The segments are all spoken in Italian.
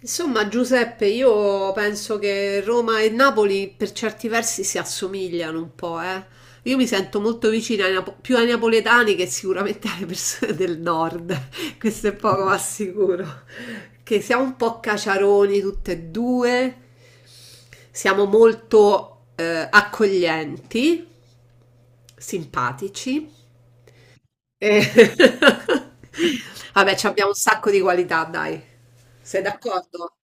Insomma, Giuseppe, io penso che Roma e Napoli per certi versi si assomigliano un po', eh. Io mi sento molto vicina ai napo- più ai napoletani che sicuramente alle persone del nord, questo è poco ma sicuro, che siamo un po' caciaroni tutte e due, siamo molto accoglienti, simpatici e vabbè, ci abbiamo un sacco di qualità, dai. Sei d'accordo?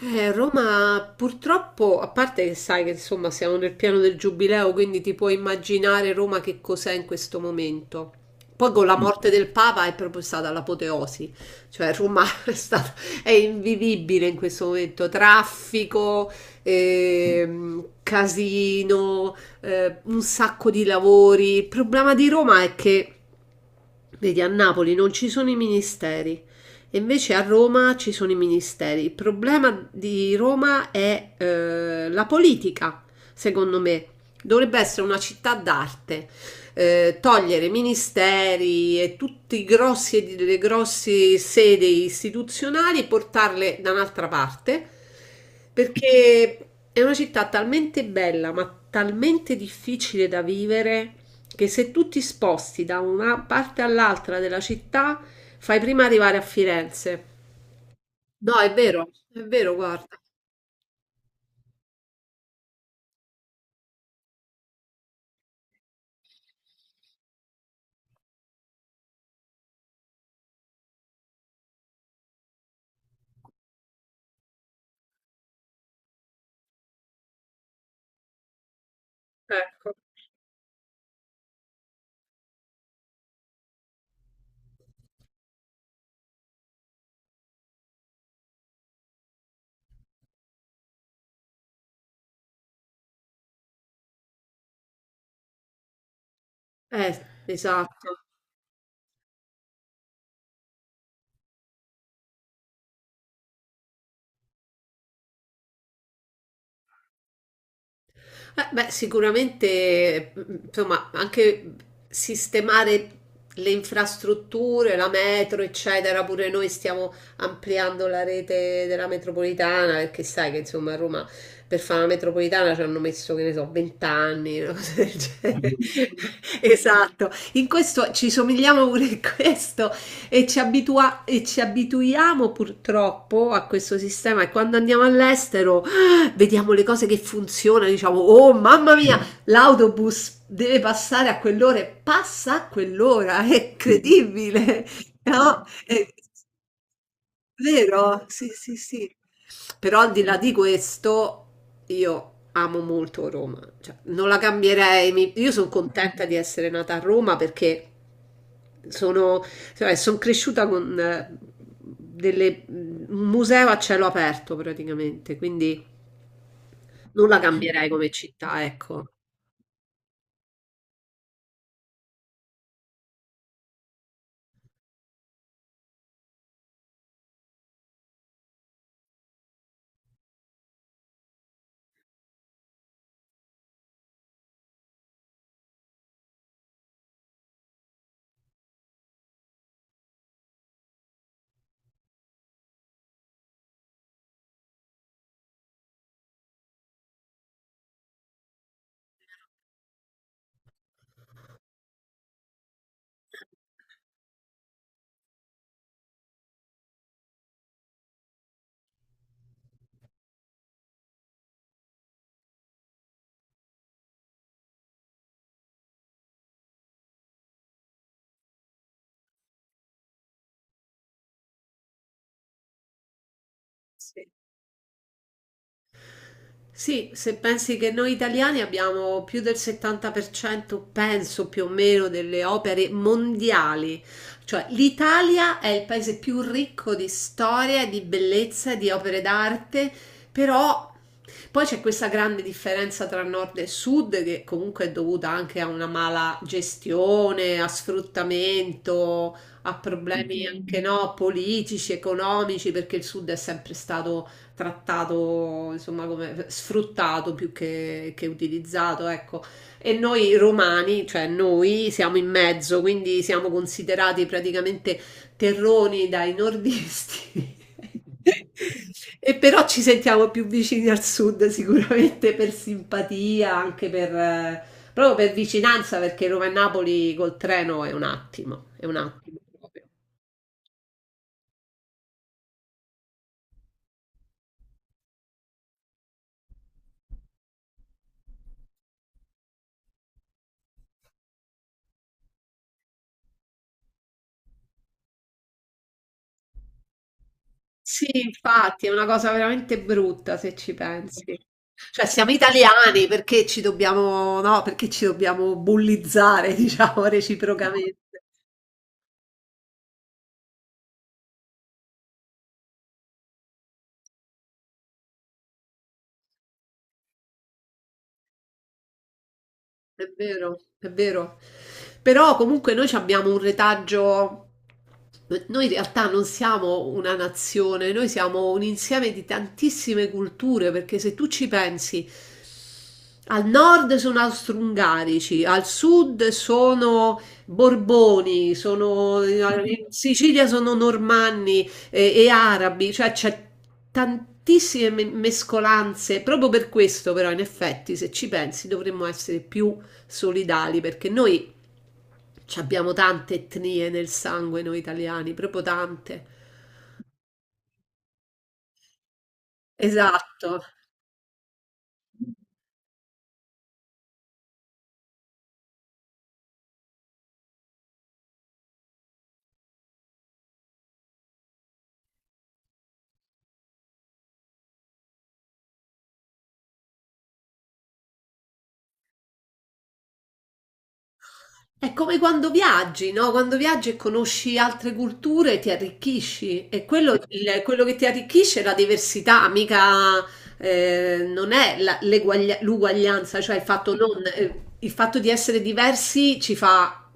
Roma purtroppo, a parte che sai che insomma siamo nel piano del giubileo, quindi ti puoi immaginare Roma che cos'è in questo momento. Poi con la morte del Papa è proprio stata l'apoteosi, cioè Roma è stata, è invivibile in questo momento, traffico, casino, un sacco di lavori. Il problema di Roma è che vedi, a Napoli non ci sono i ministeri e invece a Roma ci sono i ministeri. Il problema di Roma è la politica, secondo me. Dovrebbe essere una città d'arte. Togliere ministeri e tutti i grossi, le grosse sedi istituzionali e portarle da un'altra parte, perché è una città talmente bella, ma talmente difficile da vivere che se tu ti sposti da una parte all'altra della città, fai prima arrivare a Firenze. No, è vero, guarda. Ecco, eh, esatto. Beh, sicuramente, mm, insomma, anche sistemare le infrastrutture, la metro, eccetera, pure noi stiamo ampliando la rete della metropolitana, perché sai che insomma a Roma per fare la metropolitana ci hanno messo, che ne so, 20 anni, una cosa del genere. Esatto, in questo ci somigliamo pure in questo e e ci abituiamo purtroppo a questo sistema e quando andiamo all'estero vediamo le cose che funzionano, diciamo, oh mamma mia, l'autobus deve passare a quell'ora e passa a quell'ora, è incredibile, no? È vero? Sì, sì, sì. Però al di là di questo, io amo molto Roma, cioè, non la cambierei, io sono contenta di essere nata a Roma perché sono, cioè, son cresciuta con... delle- un museo a cielo aperto praticamente, quindi non la cambierei come città, ecco. Sì. Sì, se pensi che noi italiani abbiamo più del 70%, penso più o meno, delle opere mondiali, cioè l'Italia è il paese più ricco di storia, di bellezza, di opere d'arte, però poi c'è questa grande differenza tra nord e sud che comunque è dovuta anche a una mala gestione, a sfruttamento, a problemi anche no, politici, economici, perché il sud è sempre stato trattato, insomma, come sfruttato più che utilizzato, ecco. E noi romani, cioè noi, siamo in mezzo, quindi siamo considerati praticamente terroni dai nordisti. E però ci sentiamo più vicini al sud sicuramente per simpatia, anche per, proprio per vicinanza, perché Roma e Napoli col treno è un attimo, è un attimo. Sì, infatti, è una cosa veramente brutta se ci pensi. Cioè, siamo italiani perché ci dobbiamo, no, perché ci dobbiamo bullizzare, diciamo, reciprocamente. È vero, è vero. Però comunque noi ci abbiamo un retaggio. Noi in realtà non siamo una nazione, noi siamo un insieme di tantissime culture, perché se tu ci pensi, al nord sono austro-ungarici, al sud sono Borboni, sono, in Sicilia sono normanni e arabi, cioè c'è tantissime mescolanze. Proprio per questo, però, in effetti, se ci pensi, dovremmo essere più solidali perché noi ci abbiamo tante etnie nel sangue, noi italiani, proprio tante. Esatto. È come quando viaggi, no? Quando viaggi e conosci altre culture ti arricchisci e quello, quello che ti arricchisce è la diversità, mica non è l'uguaglianza, cioè il fatto, il fatto di essere diversi ci fa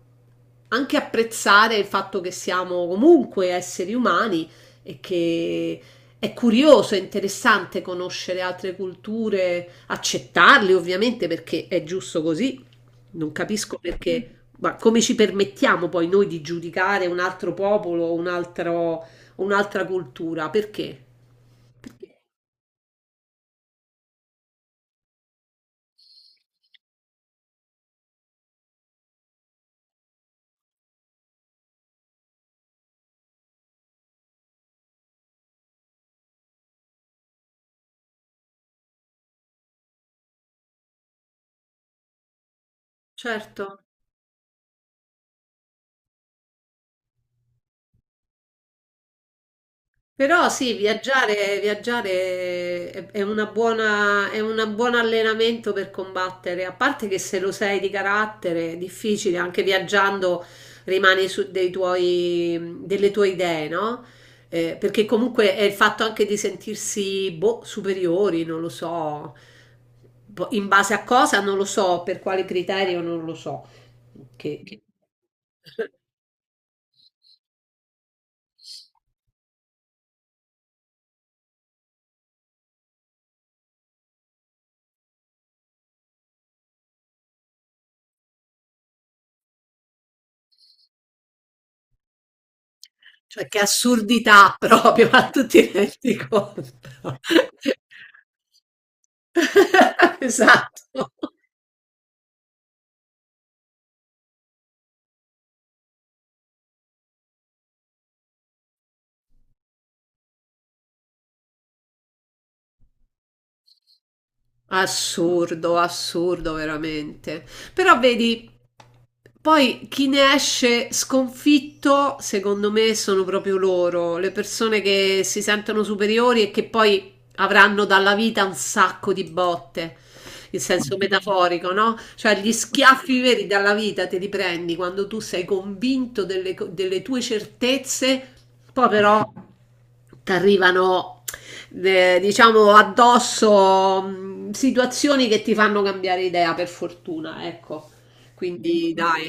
anche apprezzare il fatto che siamo comunque esseri umani e che è curioso, è interessante conoscere altre culture, accettarle ovviamente perché è giusto così. Non capisco perché, ma come ci permettiamo poi noi di giudicare un altro popolo, un altro- un'altra cultura? Perché? Certo. Però sì, viaggiare, viaggiare è una buona, è un buon allenamento per combattere, a parte che se lo sei di carattere è difficile, anche viaggiando rimani su dei tuoi, delle tue idee, no? Perché comunque è il fatto anche di sentirsi boh, superiori, non lo so, boh, in base a cosa non lo so, per quale criterio non lo so, che- cioè che assurdità proprio, ma tu ti rendi conto? Esatto. Assurdo, assurdo veramente. Però vedi, poi chi ne esce sconfitto, secondo me, sono proprio loro, le persone che si sentono superiori e che poi avranno dalla vita un sacco di botte, in senso metaforico, no? Cioè gli schiaffi veri dalla vita te li prendi quando tu sei convinto delle, delle tue certezze, poi però ti arrivano, diciamo, addosso situazioni che ti fanno cambiare idea, per fortuna, ecco. Quindi dai.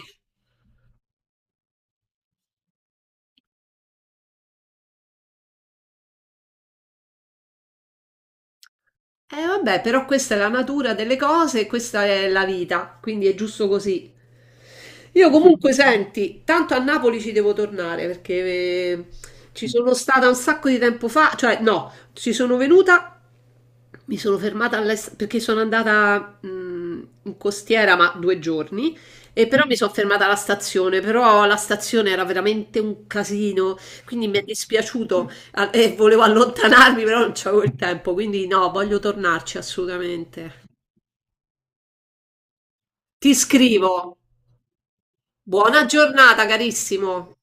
Eh vabbè, però questa è la natura delle cose, questa è la vita, quindi è giusto così. Io comunque senti, tanto a Napoli ci devo tornare perché eh, ci sono stata un sacco di tempo fa, cioè no, ci sono venuta, mi sono fermata perché sono andata in costiera, ma 2 giorni, e però mi sono fermata alla stazione, però la stazione era veramente un casino, quindi mi è dispiaciuto e volevo allontanarmi, però non c'avevo il tempo, quindi no, voglio tornarci assolutamente. Ti scrivo. Buona giornata, carissimo.